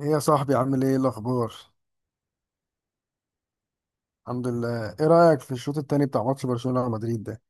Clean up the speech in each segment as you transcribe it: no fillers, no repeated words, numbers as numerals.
ايه يا صاحبي، عامل ايه؟ إيه الاخبار؟ الحمد لله. ايه رايك في الشوط التاني بتاع ماتش برشلونه ومدريد ده؟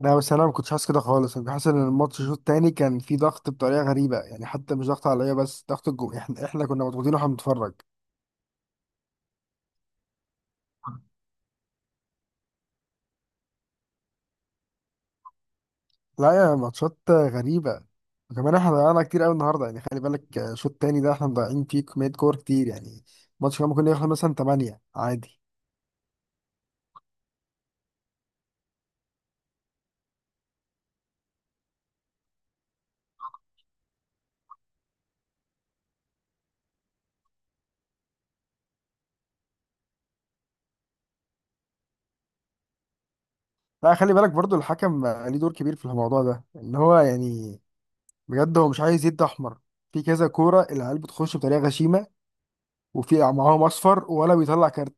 لا بس انا ما كنتش حاسس كده خالص، انا كنت حاسس ان الماتش الشوط التاني كان فيه ضغط بطريقه غريبه يعني، حتى مش ضغط عليا بس ضغط الجو، احنا احنا كنا مضغوطين واحنا بنتفرج. لا يا ماتشات غريبه. وكمان احنا ضيعنا كتير قوي النهارده يعني، خلي بالك الشوط التاني ده احنا مضيعين فيه كميه كور كتير يعني. الماتش كان ممكن يخلص مثلا 8 عادي. لا خلي بالك برضو، الحكم ليه دور كبير في الموضوع ده، ان هو يعني بجد هو مش عايز يدي احمر. في كذا كوره العيال بتخش بطريقه غشيمه، وفي معاهم اصفر ولا بيطلع كارت.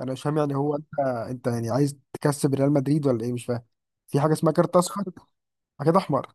انا مش فاهم يعني، هو انت، انت يعني عايز تكسب ريال مدريد ولا ايه؟ مش فاهم. في حاجه اسمها كارت اصفر، حاجه احمر.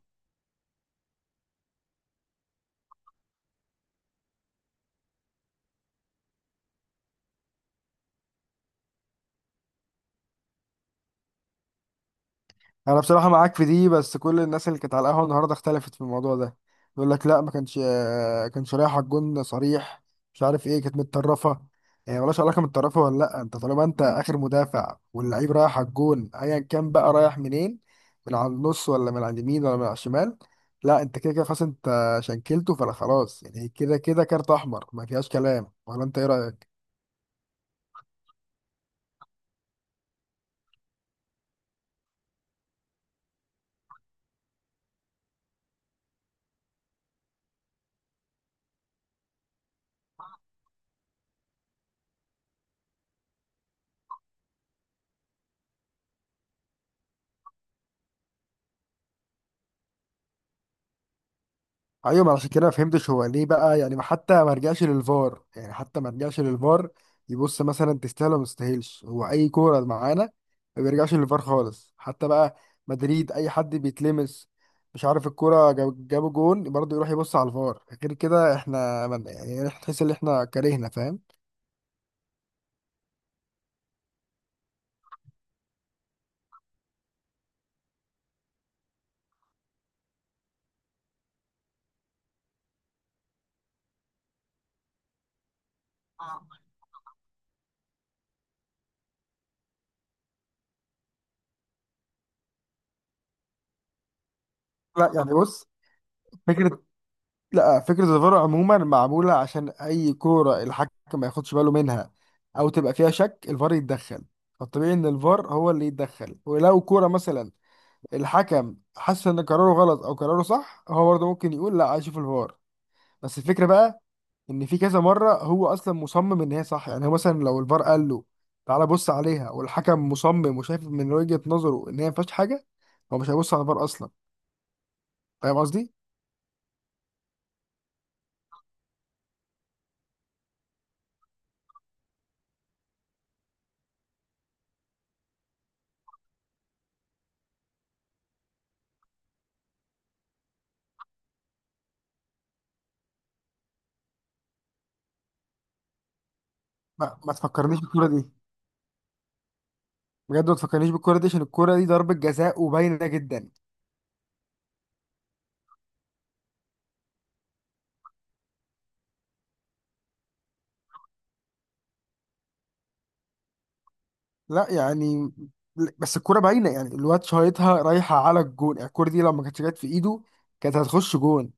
انا بصراحه معاك في دي، بس كل الناس اللي كانت على القهوه النهارده اختلفت في الموضوع ده. يقول لك لا ما كانش كانش رايح على الجون صريح، مش عارف ايه، كانت متطرفه. يعني ملهاش علاقه متطرفه ولا لا، انت طالما انت اخر مدافع واللعيب رايح على الجون ايا كان بقى رايح منين، من على النص ولا من على اليمين ولا من على الشمال، لا انت كده كده خلاص، انت شنكلته فلا خلاص يعني، كده كده كارت احمر ما فيهاش كلام. ولا انت ايه رايك؟ ايوه، ما عشان كده ما فهمتش هو ليه بقى يعني، حتى ما رجعش للفار، يعني حتى ما رجعش للفار يبص مثلا تستاهل ولا ما تستاهلش. هو اي كوره معانا ما بيرجعش للفار خالص حتى بقى. مدريد اي حد بيتلمس، مش عارف، الكوره جابوا جون برضه يروح يبص على الفار. غير كده احنا من يعني، تحس ان احنا كرهنا، فاهم؟ لا يعني بص، فكره، لا فكرة الفار عموما معمولة عشان أي كورة الحكم ما ياخدش باله منها أو تبقى فيها شك الفار يتدخل. فالطبيعي إن الفار هو اللي يتدخل، ولو كورة مثلا الحكم حس إن قراره غلط أو قراره صح، هو برضه ممكن يقول لا عايز أشوف الفار. بس الفكرة بقى، إن في كذا مرة هو أصلا مصمم إن هي صح، يعني هو مثلا لو الفار قال له تعالى بص عليها، والحكم مصمم وشايف من وجهة نظره إن هي ما فيهاش حاجة، هو مش هيبص على الفار أصلا. فاهم قصدي؟ ما تفكرنيش الكورة دي، بجد ما تفكرنيش بالكرة دي، عشان الكرة دي ضربة جزاء وباينة جدا. لا يعني، بس الكرة باينة يعني، الواد شايطها رايحة على الجون، يعني الكرة دي لو ما كانتش جت في ايده كانت هتخش جون.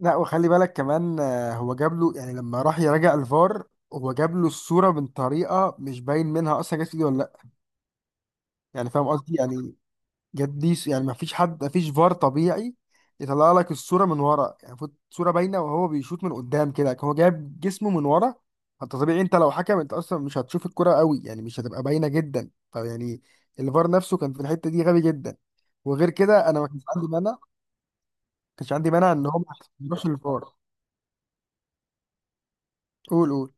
لا وخلي بالك كمان هو جاب له يعني لما راح يراجع الفار، هو جاب له الصورة من طريقة مش باين منها اصلا جت في ايده ولا لا. يعني فاهم قصدي يعني، يعني ما فيش حد، ما فيش فار طبيعي يطلع لك الصوره من ورا يعني، فوت صوره باينه وهو بيشوط من قدام كده، هو جايب جسمه من ورا. انت طبيعي انت لو حكم انت اصلا مش هتشوف الكرة قوي يعني، مش هتبقى باينه جدا فيعني، الفار نفسه كان في الحته دي غبي جدا. وغير كده انا ما كانش عندي مانع، ما كانش عندي مانع ان هو ما يروحش للفار. قول قول.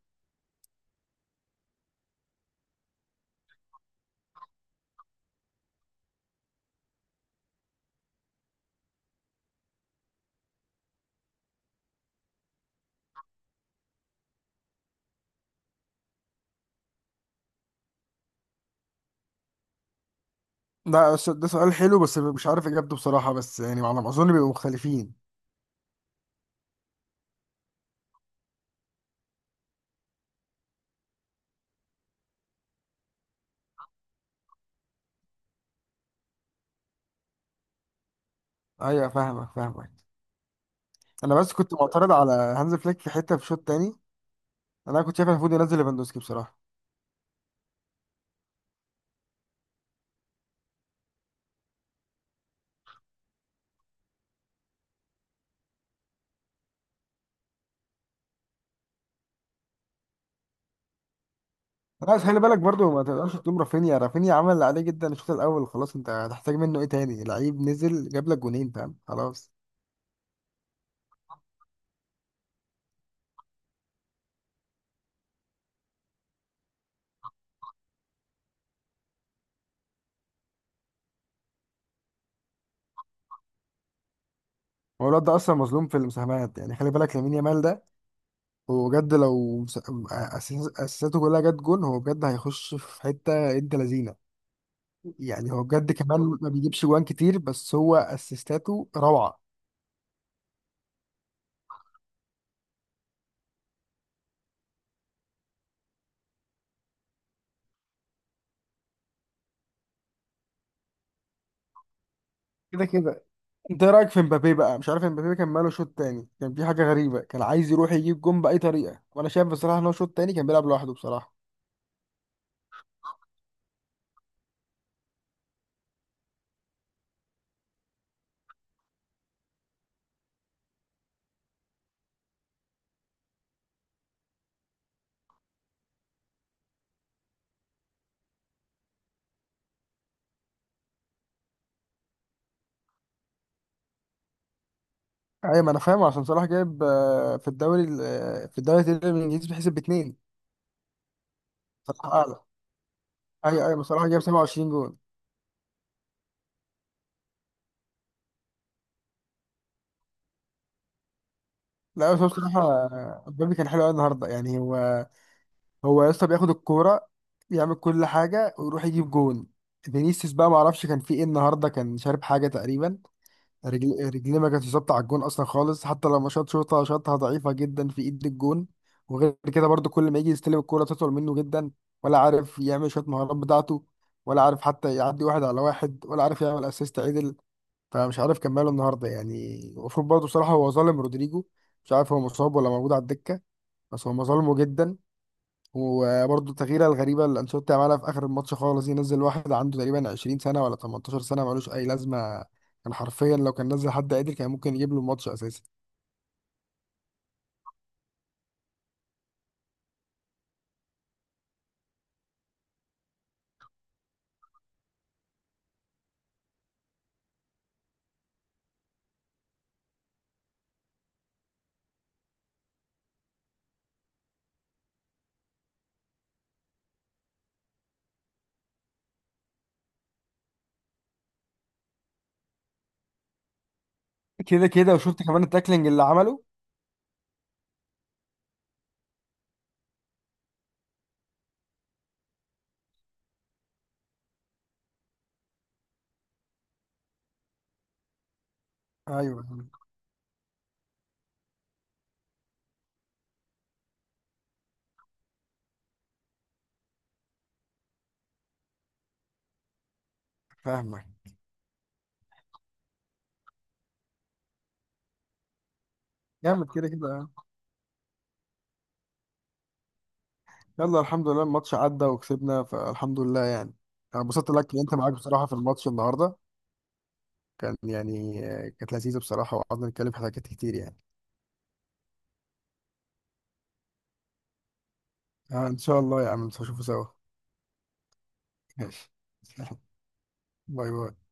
ده سؤال حلو بس مش عارف اجابته بصراحه، بس يعني على ما اظن بيبقوا مختلفين. ايوه فاهمك فاهمك. انا بس كنت معترض على هانز فليك في حته في شوط تاني، انا كنت شايف المفروض ينزل ليفاندوسكي بصراحه. لا بس خلي بالك برضو، ما تقدرش تلوم رافينيا، رافينيا عمل اللي عليه جدا الشوط الاول، خلاص انت هتحتاج منه ايه تاني؟ لعيب نزل جاب لك جونين، فاهم؟ خلاص. هو الواد ده اصلا مظلوم في المساهمات يعني، خلي بالك لامين يامال ده، هو بجد لو اساساته كلها جت جون هو بجد هيخش في حته انت لذينه. يعني هو بجد كمان ما بيجيبش جوان كتير، بس هو اسيستاته روعه. كده كده. انت ايه رايك في مبابي بقى؟ مش عارف، مبابي كان ماله شوط تاني؟ كان في حاجه غريبه، كان عايز يروح يجيب جون باي طريقه، وانا شايف بصراحه ان هو شوط تاني كان بيلعب لوحده بصراحه. ايوه، ما انا فاهم عشان صلاح جايب في الدوري ال- آه، في الدوري الانجليزي بيحسب باتنين. صلاح اعلى. ايوه ايوه صلاح جايب 27 جون. لا بس هو بصراحه مبابي كان حلو قوي النهارده يعني، هو هو يا اسطى بياخد الكوره يعمل كل حاجه ويروح يجيب جون. فينيسيوس بقى ما اعرفش كان في ايه النهارده، كان شارب حاجه تقريبا. رجليه ما كانتش ثابته على الجون اصلا خالص، حتى لما شاط شوطه شاطها ضعيفه جدا في ايد الجون. وغير كده برضو كل ما يجي يستلم الكوره تطول منه جدا، ولا عارف يعمل شويه مهارات بتاعته، ولا عارف حتى يعدي واحد على واحد، ولا عارف يعمل اسيست عدل. فمش عارف كان ماله النهارده يعني، المفروض برضو بصراحه، هو ظالم رودريجو. مش عارف هو مصاب ولا موجود على الدكه، بس هو ظالمه جدا. وبرضه التغييره الغريبه اللي انشيلوتي عملها في اخر الماتش خالص، ينزل واحد عنده تقريبا 20 سنه ولا 18 سنه، ملوش اي لازمه. كان حرفيا لو كان نزل حد قادر كان ممكن يجيب له الماتش اساسا. كده كده. وشفت كمان التاكلينج اللي عمله. ايوه فاهمك. جامد كده كده. يلا الحمد لله الماتش عدى وكسبنا، فالحمد لله يعني. انا انبسطت لك إن انت معاك بصراحه في الماتش النهارده، كان يعني كانت لذيذه بصراحه وقعدنا نتكلم في حاجات كتير يعني. آه ان شاء الله يا عم نشوفه سوا. ماشي. باي باي.